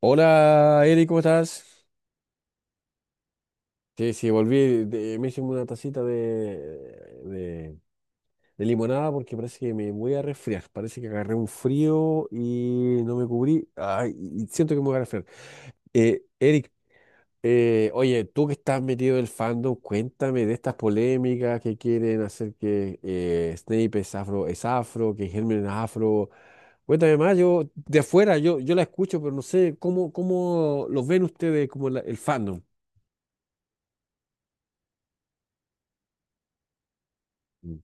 Hola, Eri, ¿cómo estás? Sí, sí, volví, me hice una tacita de- de limonada porque parece que me voy a resfriar. Parece que agarré un frío y no me cubrí. Ay, y siento que me voy a resfriar. Eric, oye, tú que estás metido en el fandom, cuéntame de estas polémicas que quieren hacer que Snape es afro, que Hermione es afro. Cuéntame más, yo de afuera, yo la escucho, pero no sé cómo, cómo lo ven ustedes como el fandom. Mm.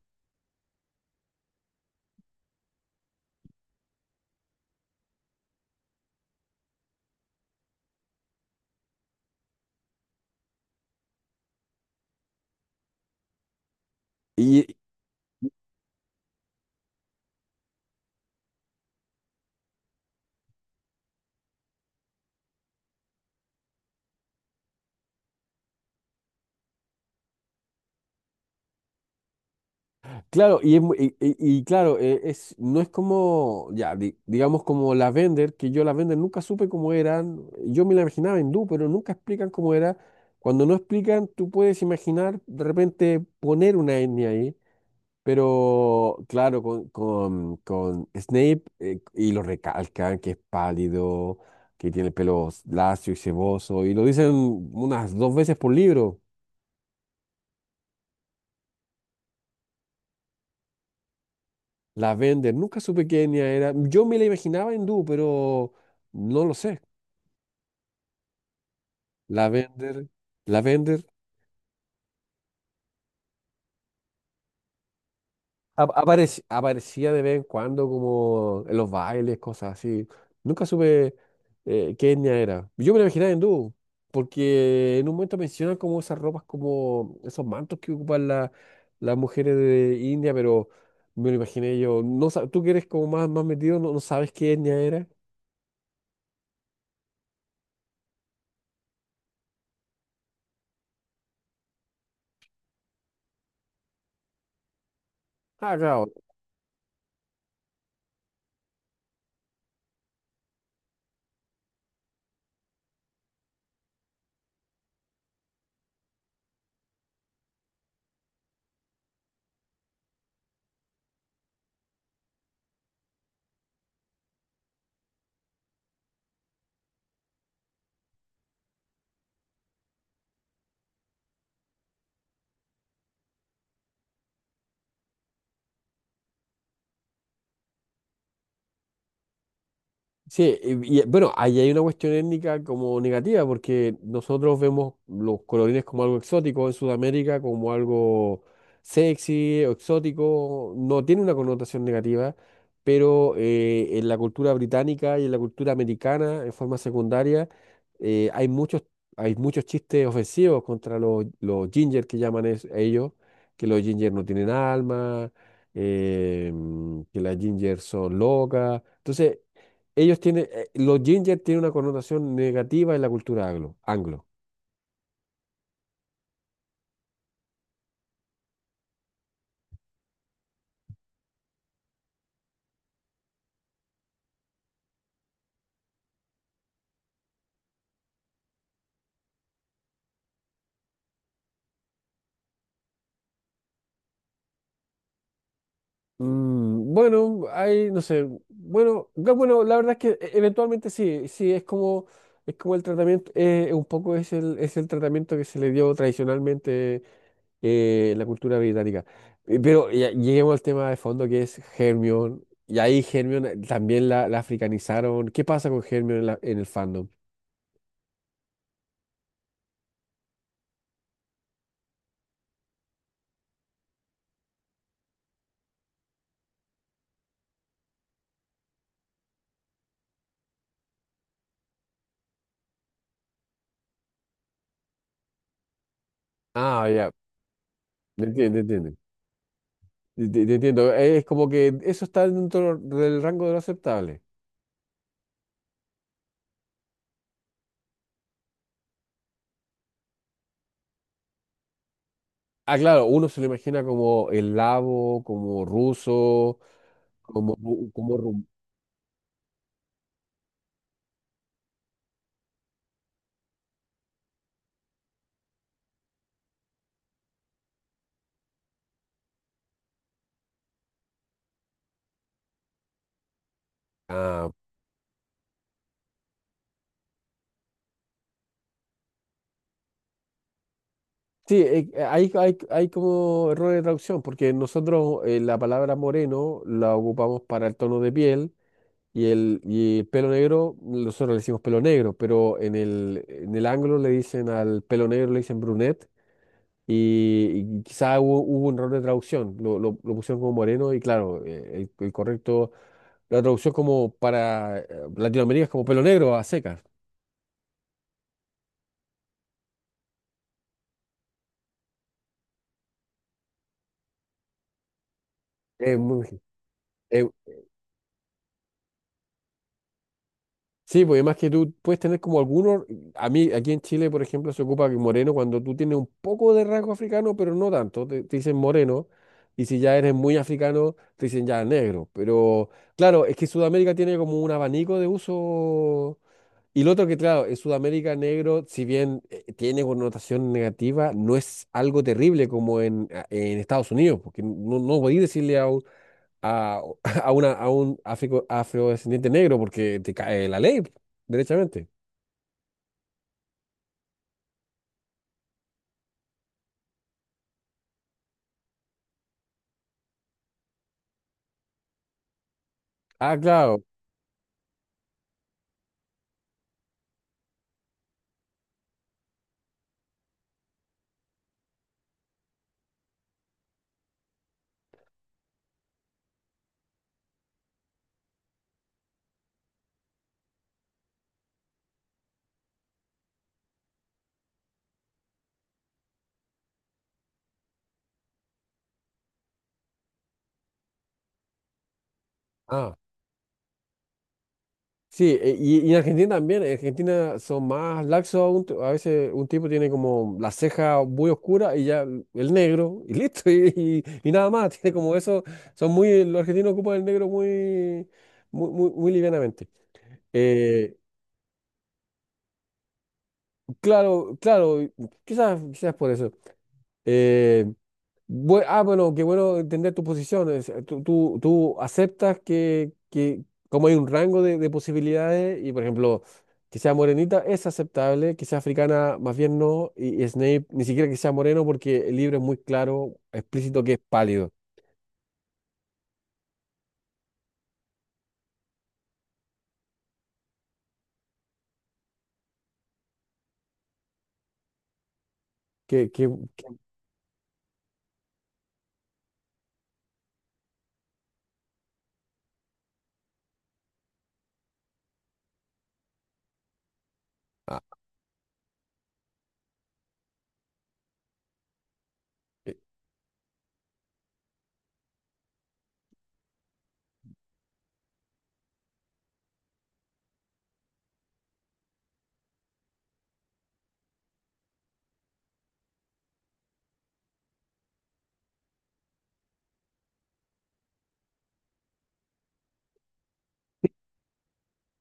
Y claro, y es claro, es, no es como, ya, digamos como la Vender, que yo la Vender nunca supe cómo eran, yo me la imaginaba hindú, pero nunca explican cómo era. Cuando no explican, tú puedes imaginar de repente poner una etnia ahí, pero claro, con Snape y lo recalcan, que es pálido, que tiene el pelo lacio y ceboso, y lo dicen unas dos veces por libro. La Bender, nunca supe qué etnia era. Yo me la imaginaba hindú, pero no lo sé. La Bender, la Bender aparecía de vez en cuando como en los bailes, cosas así. Nunca supe qué etnia era. Yo me la imaginaba hindú, porque en un momento mencionan como esas ropas, como esos mantos que ocupan las mujeres de India, pero me lo imaginé yo. No, tú que eres como más, más metido, no, no sabes qué etnia era. Ah, claro. Sí, y, bueno, ahí hay una cuestión étnica como negativa, porque nosotros vemos los colorines como algo exótico en Sudamérica, como algo sexy o exótico, no tiene una connotación negativa, pero en la cultura británica y en la cultura americana, en forma secundaria, eh, hay muchos, hay muchos chistes ofensivos contra los ginger que llaman ellos, que los ginger no tienen alma, eh, que las ginger son locas. Entonces, ellos tienen, los ginger tienen una connotación negativa en la cultura anglo, anglo. Mm, bueno, hay, no sé, bueno, bueno, la verdad es que eventualmente sí, sí, es como el tratamiento, un poco es el tratamiento que se le dio tradicionalmente en la cultura británica. Pero lleguemos al tema de fondo que es Hermione, y ahí Hermione también la africanizaron. ¿Qué pasa con Hermione en, en el fandom? Ah, ya, entiende, entiende. Te, te entiendo. Es como que eso está dentro del rango de lo aceptable. Ah, claro, uno se lo imagina como eslavo, como ruso, como, ru- como rum- Ah, sí, hay, hay, hay como error de traducción, porque nosotros la palabra moreno la ocupamos para el tono de piel y el pelo negro, nosotros le decimos pelo negro, pero en el anglo le dicen al pelo negro, le dicen brunette y quizá hubo, hubo un error de traducción, lo pusieron como moreno y claro, el correcto, la traducción como para Latinoamérica es como pelo negro a secas. Es muy- eh, sí, pues además que tú puedes tener como algunos, a mí aquí en Chile, por ejemplo, se ocupa que moreno cuando tú tienes un poco de rasgo africano, pero no tanto, te dicen moreno. Y si ya eres muy africano, te dicen ya negro. Pero claro, es que Sudamérica tiene como un abanico de uso. Y lo otro que, claro, en Sudamérica negro, si bien tiene connotación negativa, no es algo terrible como en, en Estados Unidos, porque no, no podéis decirle a un, a, a una, a un afrodescendiente negro porque te cae la ley, derechamente. Ah, claro. Ah, sí, y en Argentina también, en Argentina son más laxos, aún, a veces un tipo tiene como la ceja muy oscura y ya el negro, y listo, y nada más, tiene como eso, son muy, los argentinos ocupan el negro muy, muy, muy, muy livianamente. Eh, claro, claro, y quizás, quizás por eso. Eh, bueno, qué bueno entender tu posición. Es, tú, tú, tú aceptas que como hay un rango de posibilidades y, por ejemplo, que sea morenita es aceptable, que sea africana más bien no, y Snape ni siquiera que sea moreno porque el libro es muy claro, explícito que es pálido. Que,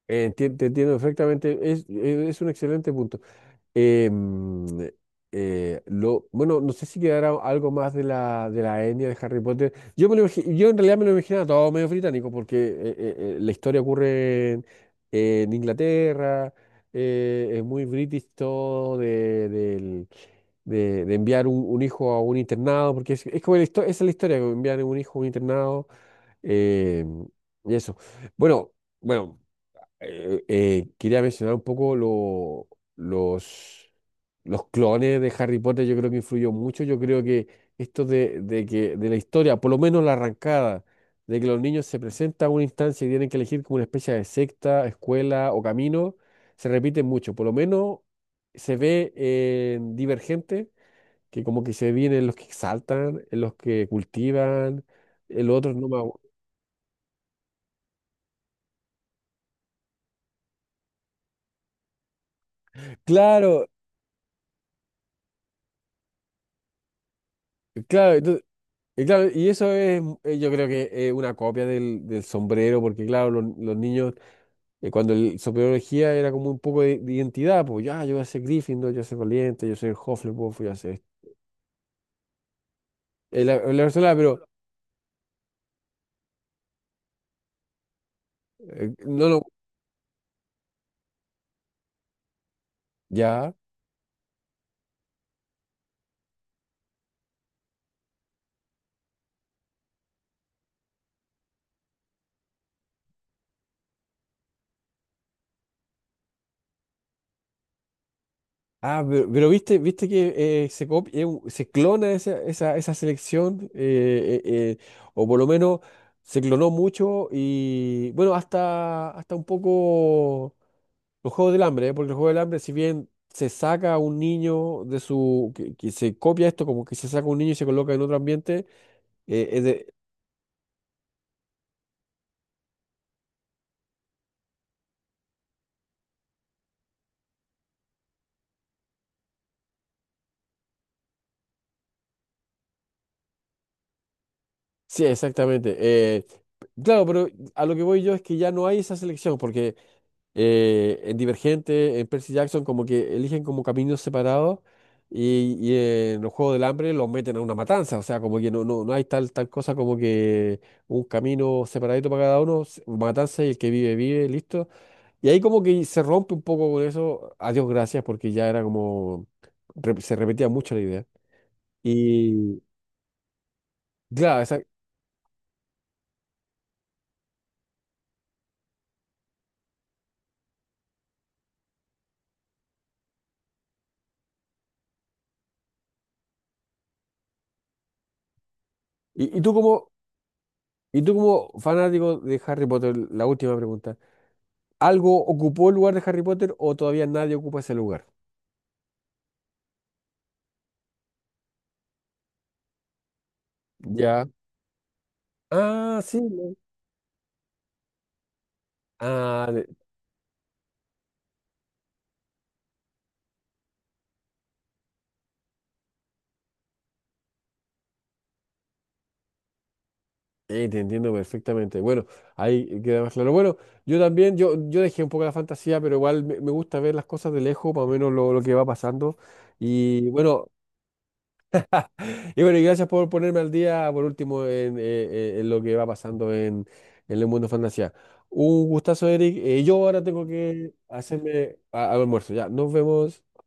te entiendo perfectamente, es un excelente punto. Eh, mm, bueno, no sé si quedará algo más de la etnia de Harry Potter. Yo, me yo en realidad me lo imaginaba todo medio británico, porque la historia ocurre en Inglaterra, es muy british todo de enviar un hijo a un internado, porque es como esa es la historia, como enviar un hijo a un internado. eh, y eso. Bueno, bueno, quería mencionar un poco los, los clones de Harry Potter, yo creo que influyó mucho. Yo creo que esto de que de la historia, por lo menos la arrancada, de que los niños se presentan a una instancia y tienen que elegir como una especie de secta, escuela o camino, se repite mucho. Por lo menos se ve en Divergente, que como que se vienen los que exaltan, en los que cultivan, el otro no me acuerdo. Claro, claro. Y claro, y eso es, yo creo que es una copia del, del sombrero, porque claro, los niños, cuando el sombrero elegía era como un poco de identidad, pues ya, yo voy a ser Gryffindor, yo voy a ser Valiente, yo soy Hufflepuff, yo voy a ser el Arsala, pero no lo, ya. Ah, pero viste, viste que se copia, se clona esa, esa, esa selección, eh, o por lo menos se clonó mucho y bueno, hasta, hasta un poco Los Juegos del Hambre, ¿eh? Porque los Juegos del Hambre, si bien se saca a un niño de su... que se copia esto, como que se saca un niño y se coloca en otro ambiente, eh, es de- sí, exactamente. Claro, pero a lo que voy yo es que ya no hay esa selección, porque en Divergente, en Percy Jackson, como que eligen como caminos separados y en los Juegos del Hambre los meten a una matanza, o sea, como que no, no, no hay tal, tal cosa como que un camino separadito para cada uno, matanza y el que vive, vive, listo. Y ahí como que se rompe un poco con eso, a Dios gracias, porque ya era como, se repetía mucho la idea. Y claro, y, y tú como, y tú como fanático de Harry Potter, la última pregunta, ¿algo ocupó el lugar de Harry Potter o todavía nadie ocupa ese lugar? Ya. Ah, sí. No. Ah, de- te entiendo perfectamente. Bueno, ahí queda más claro. Bueno, yo también, yo dejé un poco la fantasía, pero igual me, me gusta ver las cosas de lejos, más o menos lo que va pasando. Y bueno, y bueno, y gracias por ponerme al día, por último, en lo que va pasando en el mundo fantasía. Un gustazo, Eric. Yo ahora tengo que hacerme al almuerzo. Ya, nos vemos.